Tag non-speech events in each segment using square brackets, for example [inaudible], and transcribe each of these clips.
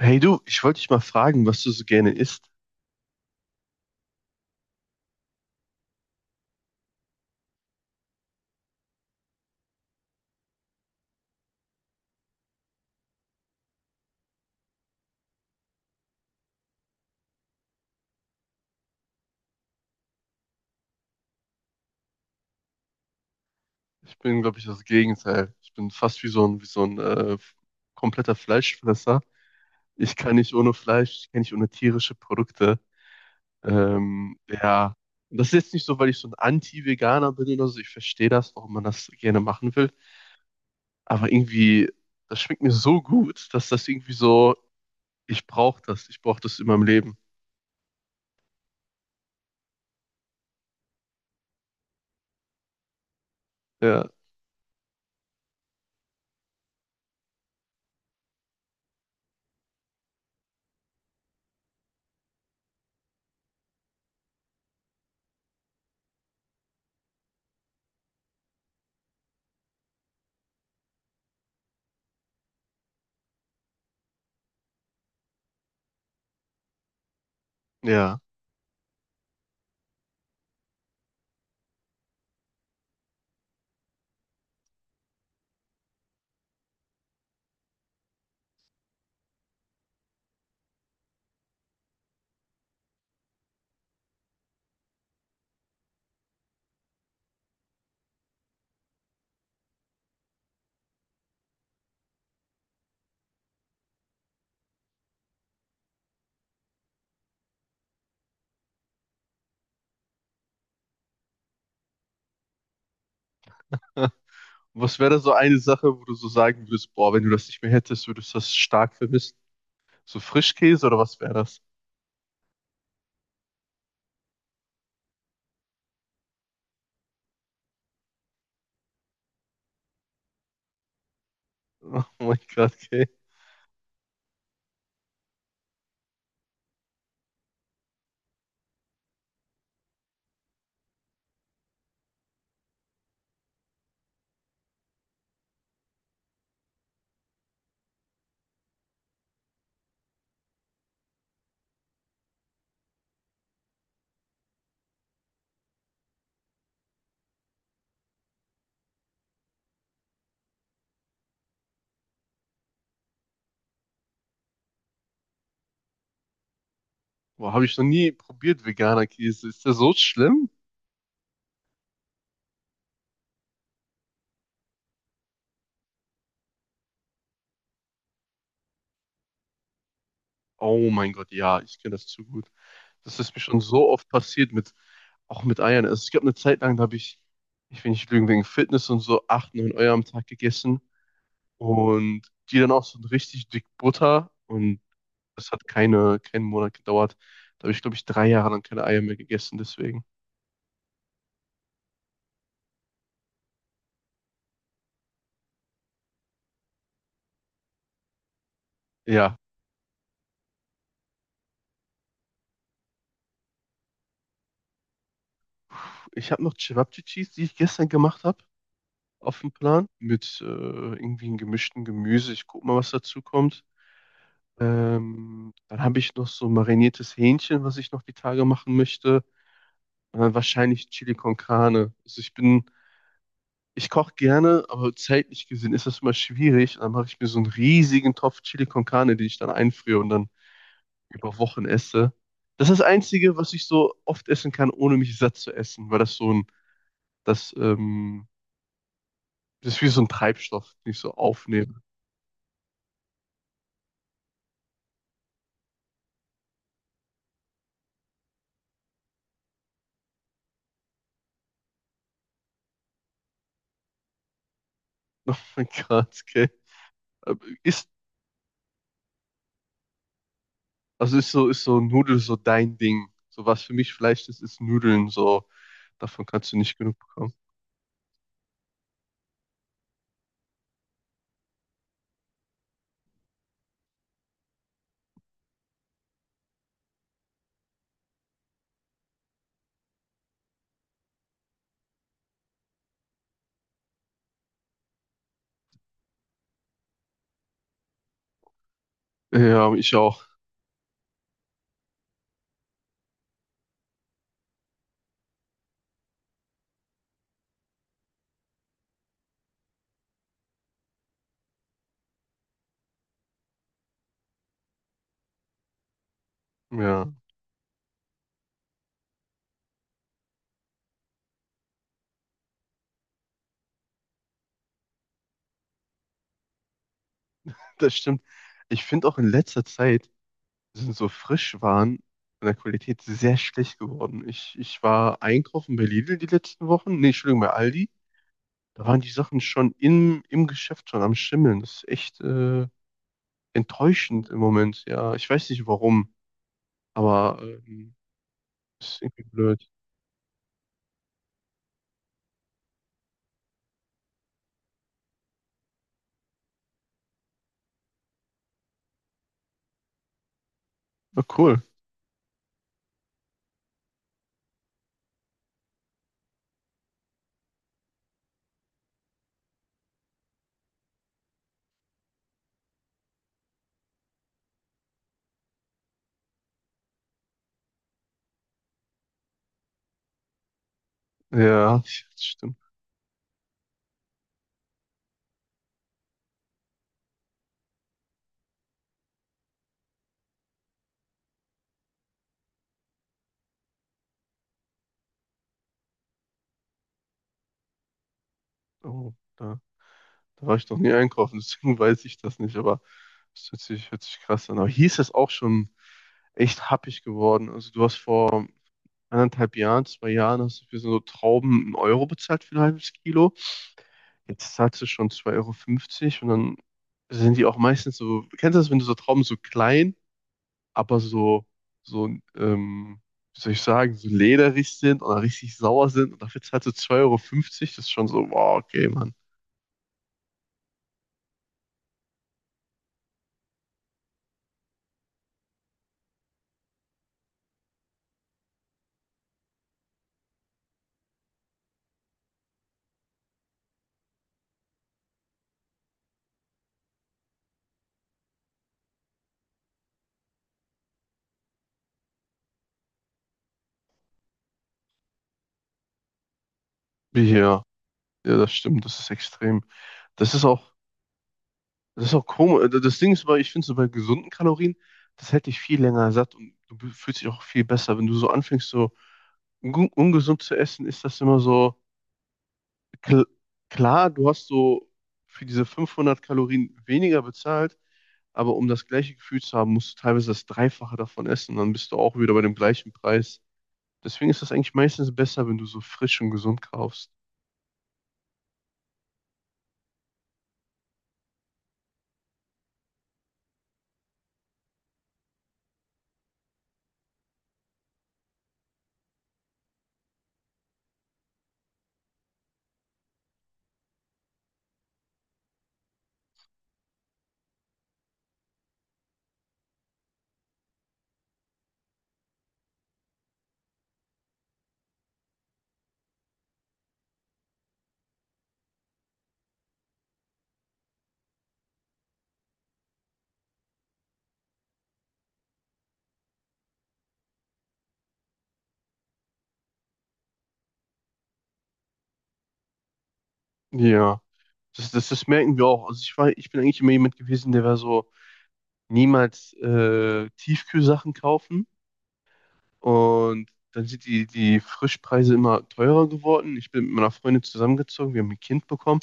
Hey du, ich wollte dich mal fragen, was du so gerne isst. Ich bin, glaube ich, das Gegenteil. Ich bin fast wie so ein kompletter Fleischfresser. Ich kann nicht ohne Fleisch, ich kann nicht ohne tierische Produkte. Ja, das ist jetzt nicht so, weil ich so ein Anti-Veganer bin oder so. Ich verstehe das, warum man das gerne machen will. Aber irgendwie, das schmeckt mir so gut, dass das irgendwie so, ich brauche das in meinem Leben. Ja, ja. [laughs] Was wäre so eine Sache, wo du so sagen würdest, boah, wenn du das nicht mehr hättest, würdest du das stark vermissen? So Frischkäse oder was wäre das? [laughs] Oh mein Gott, okay. Boah, habe ich noch nie probiert, veganer Käse. Ist der so schlimm? Oh mein Gott, ja, ich kenne das zu gut. Das ist mir schon so oft passiert auch mit Eiern. Also es gab eine Zeit lang, da habe ich, ich will nicht lügen, wegen Fitness und so, acht, neun Eier am Tag gegessen. Und die dann auch so richtig dick Butter. Und das hat keinen Monat gedauert. Da habe ich, glaube ich, 3 Jahre lang keine Eier mehr gegessen, deswegen. Ja, ich habe noch Cevapcicis, die ich gestern gemacht habe, auf dem Plan mit irgendwie einem gemischten Gemüse. Ich guck mal, was dazu kommt. Dann habe ich noch so mariniertes Hähnchen, was ich noch die Tage machen möchte. Und dann wahrscheinlich Chili con Carne. Also ich koche gerne, aber zeitlich gesehen ist das immer schwierig. Und dann mache ich mir so einen riesigen Topf Chili con Carne, den ich dann einfriere und dann über Wochen esse. Das ist das Einzige, was ich so oft essen kann, ohne mich satt zu essen. Weil das so ein, das Das ist wie so ein Treibstoff, den ich so aufnehme. [laughs] Oh mein Gott, okay. Aber Ist, also ist so Nudel so dein Ding? So was für mich Fleisch ist, ist Nudeln so. Davon kannst du nicht genug bekommen. Ja, ich auch. Ja, das stimmt. Ich finde auch in letzter Zeit sind so Frischwaren von der Qualität sehr schlecht geworden. Ich war einkaufen bei Lidl die letzten Wochen. Nee, Entschuldigung, bei Aldi. Da waren die Sachen schon im Geschäft schon am Schimmeln. Das ist echt enttäuschend im Moment. Ja, ich weiß nicht warum. Aber ist irgendwie blöd. Ah, cool. Ja, das stimmt. Oh, da war ich noch nie einkaufen, deswegen [laughs] weiß ich das nicht, aber es hört sich krass an. Aber hier ist es auch schon echt happig geworden. Also du hast vor 1,5 Jahren, 2 Jahren, hast du für so Trauben 1 Euro bezahlt für ein halbes Kilo. Jetzt zahlst du schon 2,50 € und dann sind die auch meistens so, kennst du das, wenn du so Trauben so klein aber so, so, ähm, wie soll ich sagen, so lederig sind oder richtig sauer sind. Und dafür zahlst du zwei Euro fünfzig. Das ist schon so, wow, okay, Mann. Wie hier. Ja, ja, das stimmt, das ist extrem. Das ist auch, das ist auch komisch. Das Ding ist, weil ich finde, so bei gesunden Kalorien, das hält dich viel länger satt und du fühlst dich auch viel besser. Wenn du so anfängst, so ungesund zu essen, ist das immer so, Kl klar, du hast so für diese 500 Kalorien weniger bezahlt, aber um das gleiche Gefühl zu haben, musst du teilweise das Dreifache davon essen, dann bist du auch wieder bei dem gleichen Preis. Deswegen ist das eigentlich meistens besser, wenn du so frisch und gesund kaufst. Ja, das merken wir auch. Also ich bin eigentlich immer jemand gewesen, der war so niemals Tiefkühlsachen kaufen. Und dann sind die Frischpreise immer teurer geworden. Ich bin mit meiner Freundin zusammengezogen, wir haben ein Kind bekommen.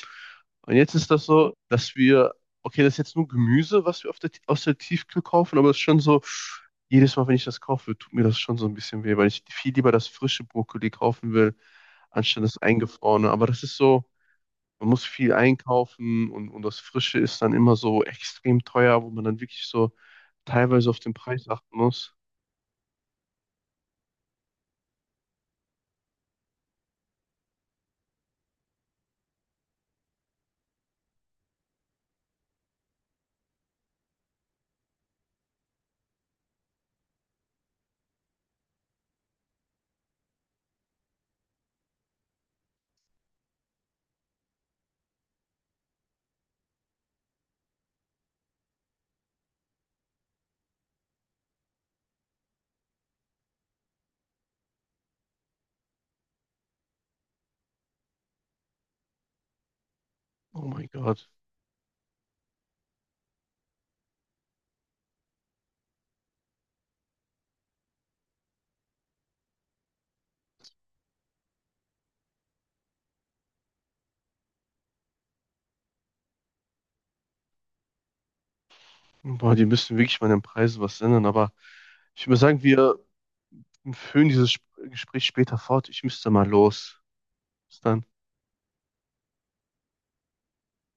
Und jetzt ist das so, dass wir, okay, das ist jetzt nur Gemüse, was wir aus der Tiefkühl kaufen, aber es ist schon so, jedes Mal, wenn ich das kaufe, tut mir das schon so ein bisschen weh, weil ich viel lieber das frische Brokkoli kaufen will, anstatt das eingefrorene. Aber das ist so, man muss viel einkaufen und das Frische ist dann immer so extrem teuer, wo man dann wirklich so teilweise auf den Preis achten muss. Oh mein Gott. Boah, die müssen wirklich mal an den Preisen was ändern, aber ich würde sagen, wir führen dieses Gespräch später fort. Ich müsste mal los. Bis dann.